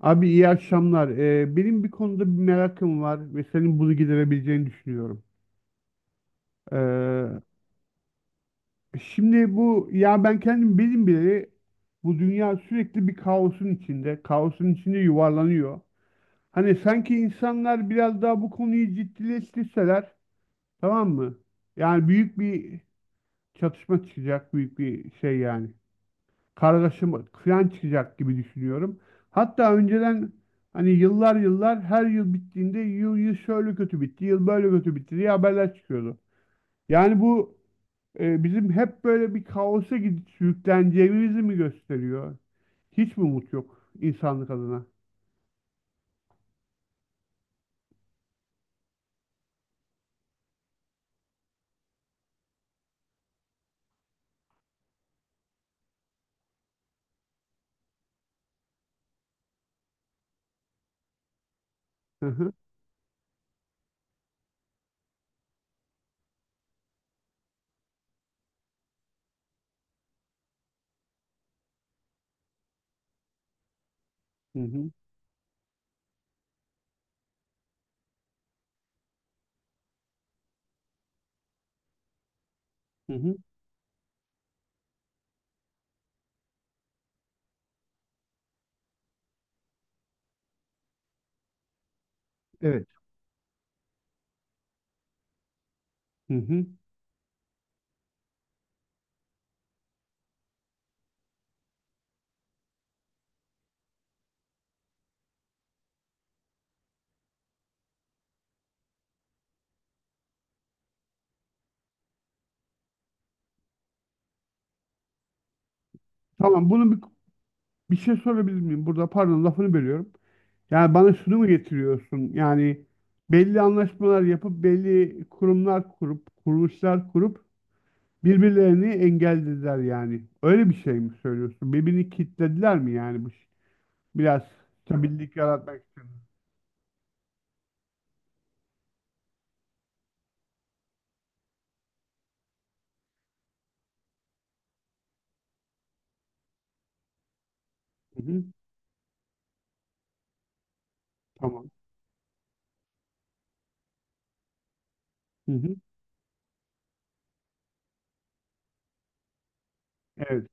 Abi iyi akşamlar. Benim bir konuda bir merakım var ve senin bunu giderebileceğini düşünüyorum. Ee, Şimdi bu ya ben kendim benim bile bu dünya sürekli bir kaosun içinde, kaosun içinde yuvarlanıyor. Hani sanki insanlar biraz daha bu konuyu ciddileştirseler, tamam mı? Yani büyük bir çatışma çıkacak, büyük bir şey yani. Kargaşa kıyan çıkacak gibi düşünüyorum. Hatta önceden hani yıllar yıllar her yıl bittiğinde yıl şöyle kötü bitti, yıl böyle kötü bitti diye haberler çıkıyordu. Yani bu bizim hep böyle bir kaosa gidip sürükleneceğimizi mi gösteriyor? Hiç mi umut yok insanlık adına? Hı hı, hı hı, hı hı, evet, hı hı. Tamam, bir şey sorabilir miyim? Burada pardon lafını bölüyorum. Yani bana şunu mu getiriyorsun? Yani belli anlaşmalar yapıp belli kurumlar kurup kuruluşlar kurup birbirlerini engellediler yani. Öyle bir şey mi söylüyorsun? Birbirini kilitlediler mi yani biraz stabillik yaratmak için? Hı hı, tamam. Hı hı, evet.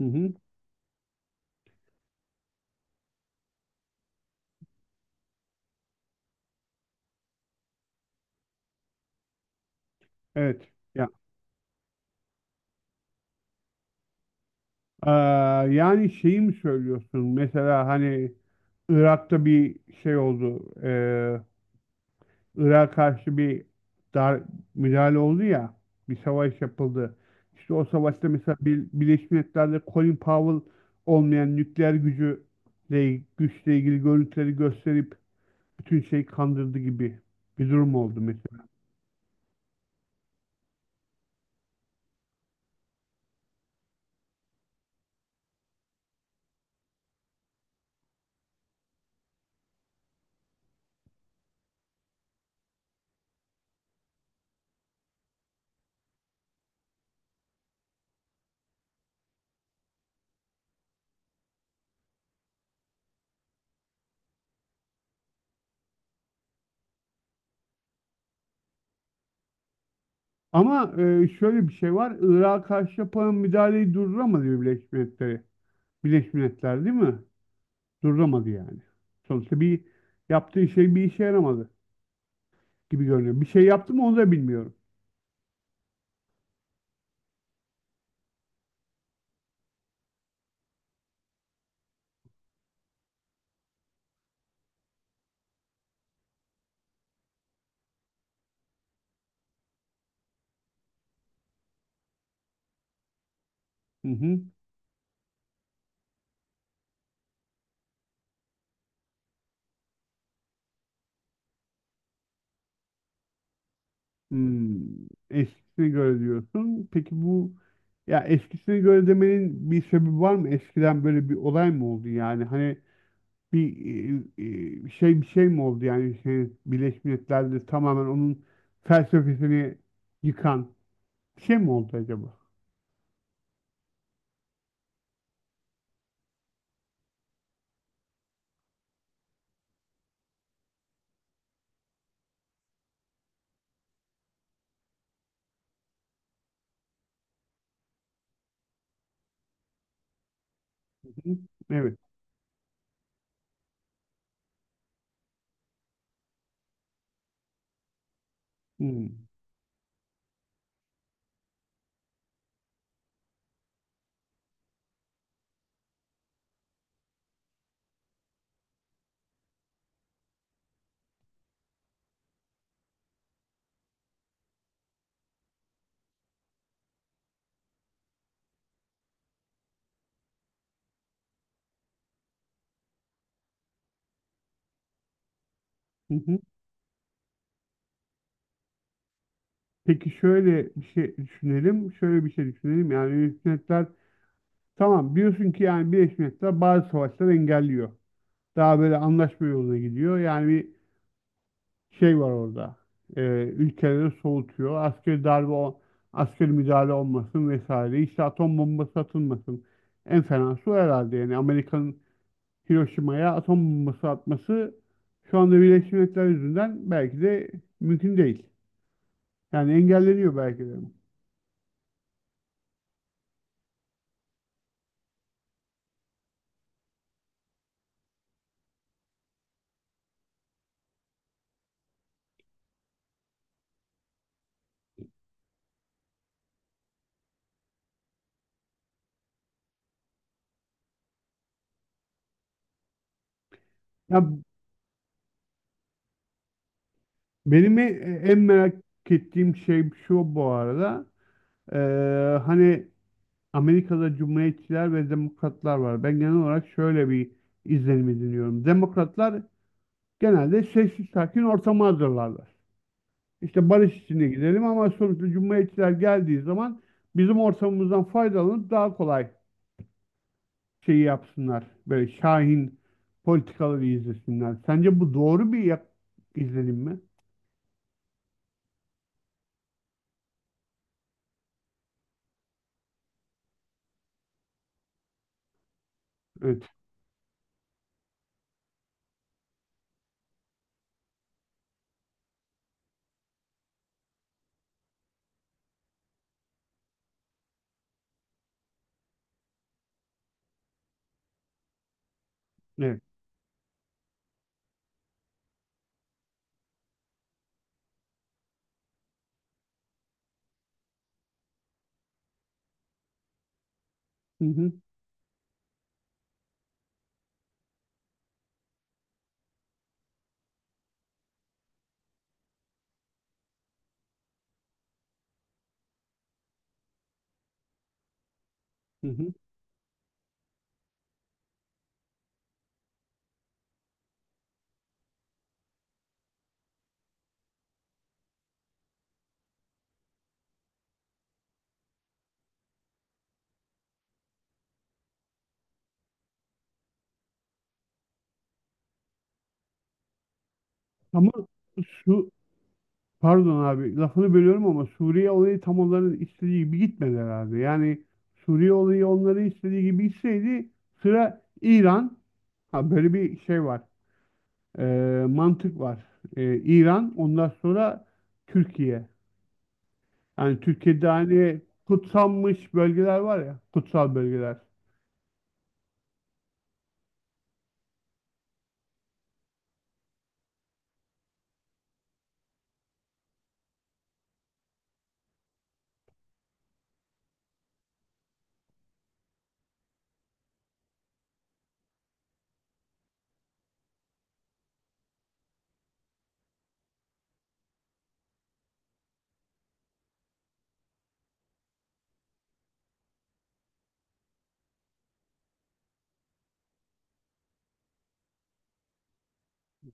Hı hı, evet. Ya, yani şeyi mi söylüyorsun? Mesela hani Irak'ta bir şey oldu. Irak'a karşı bir dar müdahale oldu ya, bir savaş yapıldı. İşte o savaşta mesela Birleşmiş Milletler'de Colin Powell olmayan nükleer gücüyle güçle ilgili görüntüleri gösterip bütün şeyi kandırdı gibi bir durum oldu mesela. Ama şöyle bir şey var. Irak'a karşı yapılan müdahaleyi durduramadı Birleşmiş Milletler. Birleşmiş Milletler değil mi? Durduramadı yani. Sonuçta bir yaptığı şey bir işe yaramadı gibi görünüyor. Bir şey yaptı mı onu da bilmiyorum. Hı hı. Hmm, eskisine göre diyorsun. Peki bu ya eskisine göre demenin bir sebebi var mı? Eskiden böyle bir olay mı oldu yani? Hani bir şey bir şey mi oldu yani şey, Birleşmiş Milletler'de tamamen onun felsefesini yıkan bir şey mi oldu acaba? Hı hı. Evet. Hmm. Hı hı. Peki şöyle bir şey düşünelim. Şöyle bir şey düşünelim. Yani Birleşmiş Milletler tamam biliyorsun ki yani Birleşmiş Milletler bazı savaşları engelliyor. Daha böyle anlaşma yoluna gidiyor. Yani bir şey var orada. E, ülkeleri soğutuyor. Askeri müdahale olmasın vesaire. İşte atom bombası atılmasın. En fenası o herhalde. Yani Amerika'nın Hiroşima'ya atom bombası atması şu anda Birleşmiş Milletler yüzünden belki de mümkün değil. Yani engelleniyor belki de. Ya benim e- en merak ettiğim şey şu bu arada. E, hani Amerika'da cumhuriyetçiler ve demokratlar var. Ben genel olarak şöyle bir izlenim ediniyorum. Demokratlar genelde sessiz sakin ortamı hazırlarlar. İşte barış içinde gidelim ama sonuçta cumhuriyetçiler geldiği zaman bizim ortamımızdan faydalanıp daha kolay şeyi yapsınlar. Böyle şahin politikaları izlesinler. Sence bu doğru izlenim mi? Evet. Evet. Hı hı. Hı hı. Ama şu Pardon abi lafını bölüyorum ama Suriye olayı tam onların istediği gibi gitmedi herhalde. Yani Suriye olayı onların istediği gibi gitseydi sıra İran. Ha böyle bir şey var. Mantık var. İran ondan sonra Türkiye. Yani Türkiye'de hani kutsanmış bölgeler var ya kutsal bölgeler.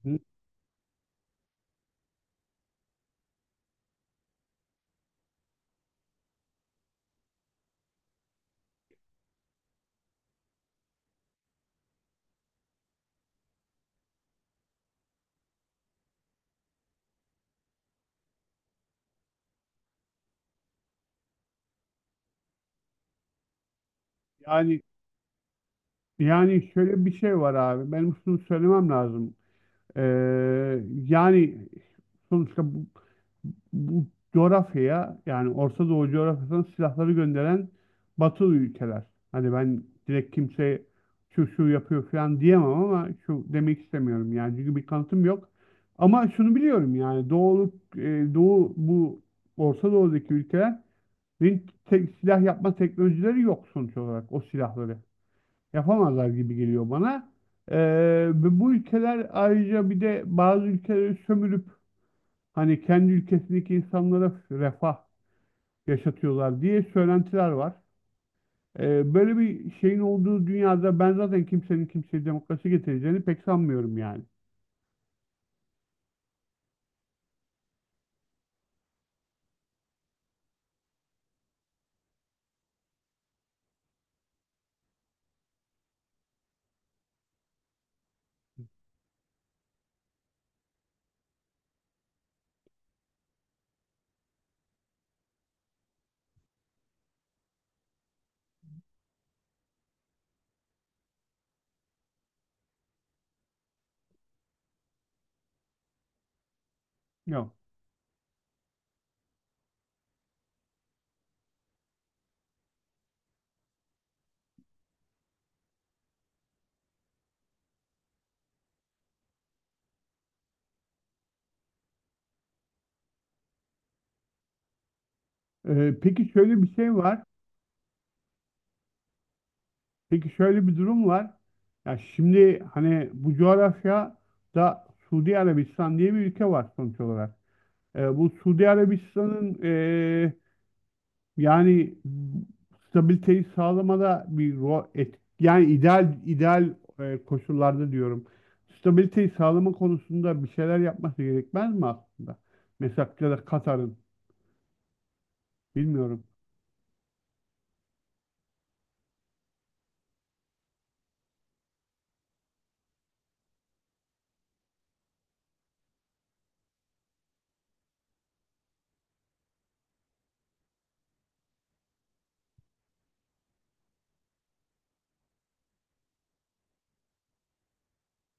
Hı Yani Yani şöyle bir şey var abi. Benim şunu söylemem lazım. Ee, Yani sonuçta bu coğrafyaya yani Orta Doğu coğrafyasına silahları gönderen Batılı ülkeler. Hani ben direkt kimseye şu şu yapıyor falan diyemem ama şu demek istemiyorum yani çünkü bir kanıtım yok. Ama şunu biliyorum yani Doğu, Doğu bu Orta Doğu'daki ülkelerin silah yapma teknolojileri yok sonuç olarak o silahları. Yapamazlar gibi geliyor bana. Ee, Ve bu ülkeler ayrıca bir de bazı ülkeleri sömürüp hani kendi ülkesindeki insanlara refah yaşatıyorlar diye söylentiler var. Böyle bir şeyin olduğu dünyada ben zaten kimsenin kimseye demokrasi getireceğini pek sanmıyorum yani. Yok. Peki şöyle bir şey var. Peki şöyle bir durum var. Ya şimdi hani bu coğrafyada Suudi Arabistan diye bir ülke var sonuç olarak. Bu Suudi Arabistan'ın yani stabiliteyi sağlamada bir rol et. Yani ideal koşullarda diyorum. Stabiliteyi sağlama konusunda bir şeyler yapması gerekmez mi aslında? Mesela ya da Katar'ın bilmiyorum.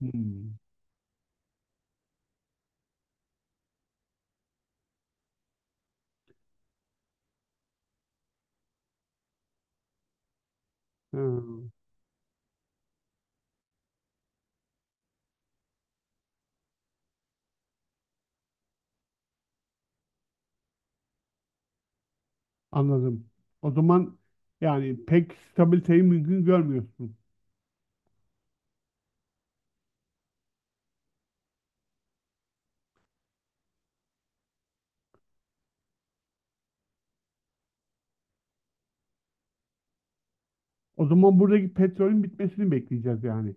Hmm. Ha, anladım. O zaman yani pek stabiliteyi mümkün görmüyorsun. O zaman buradaki petrolün bitmesini bekleyeceğiz yani.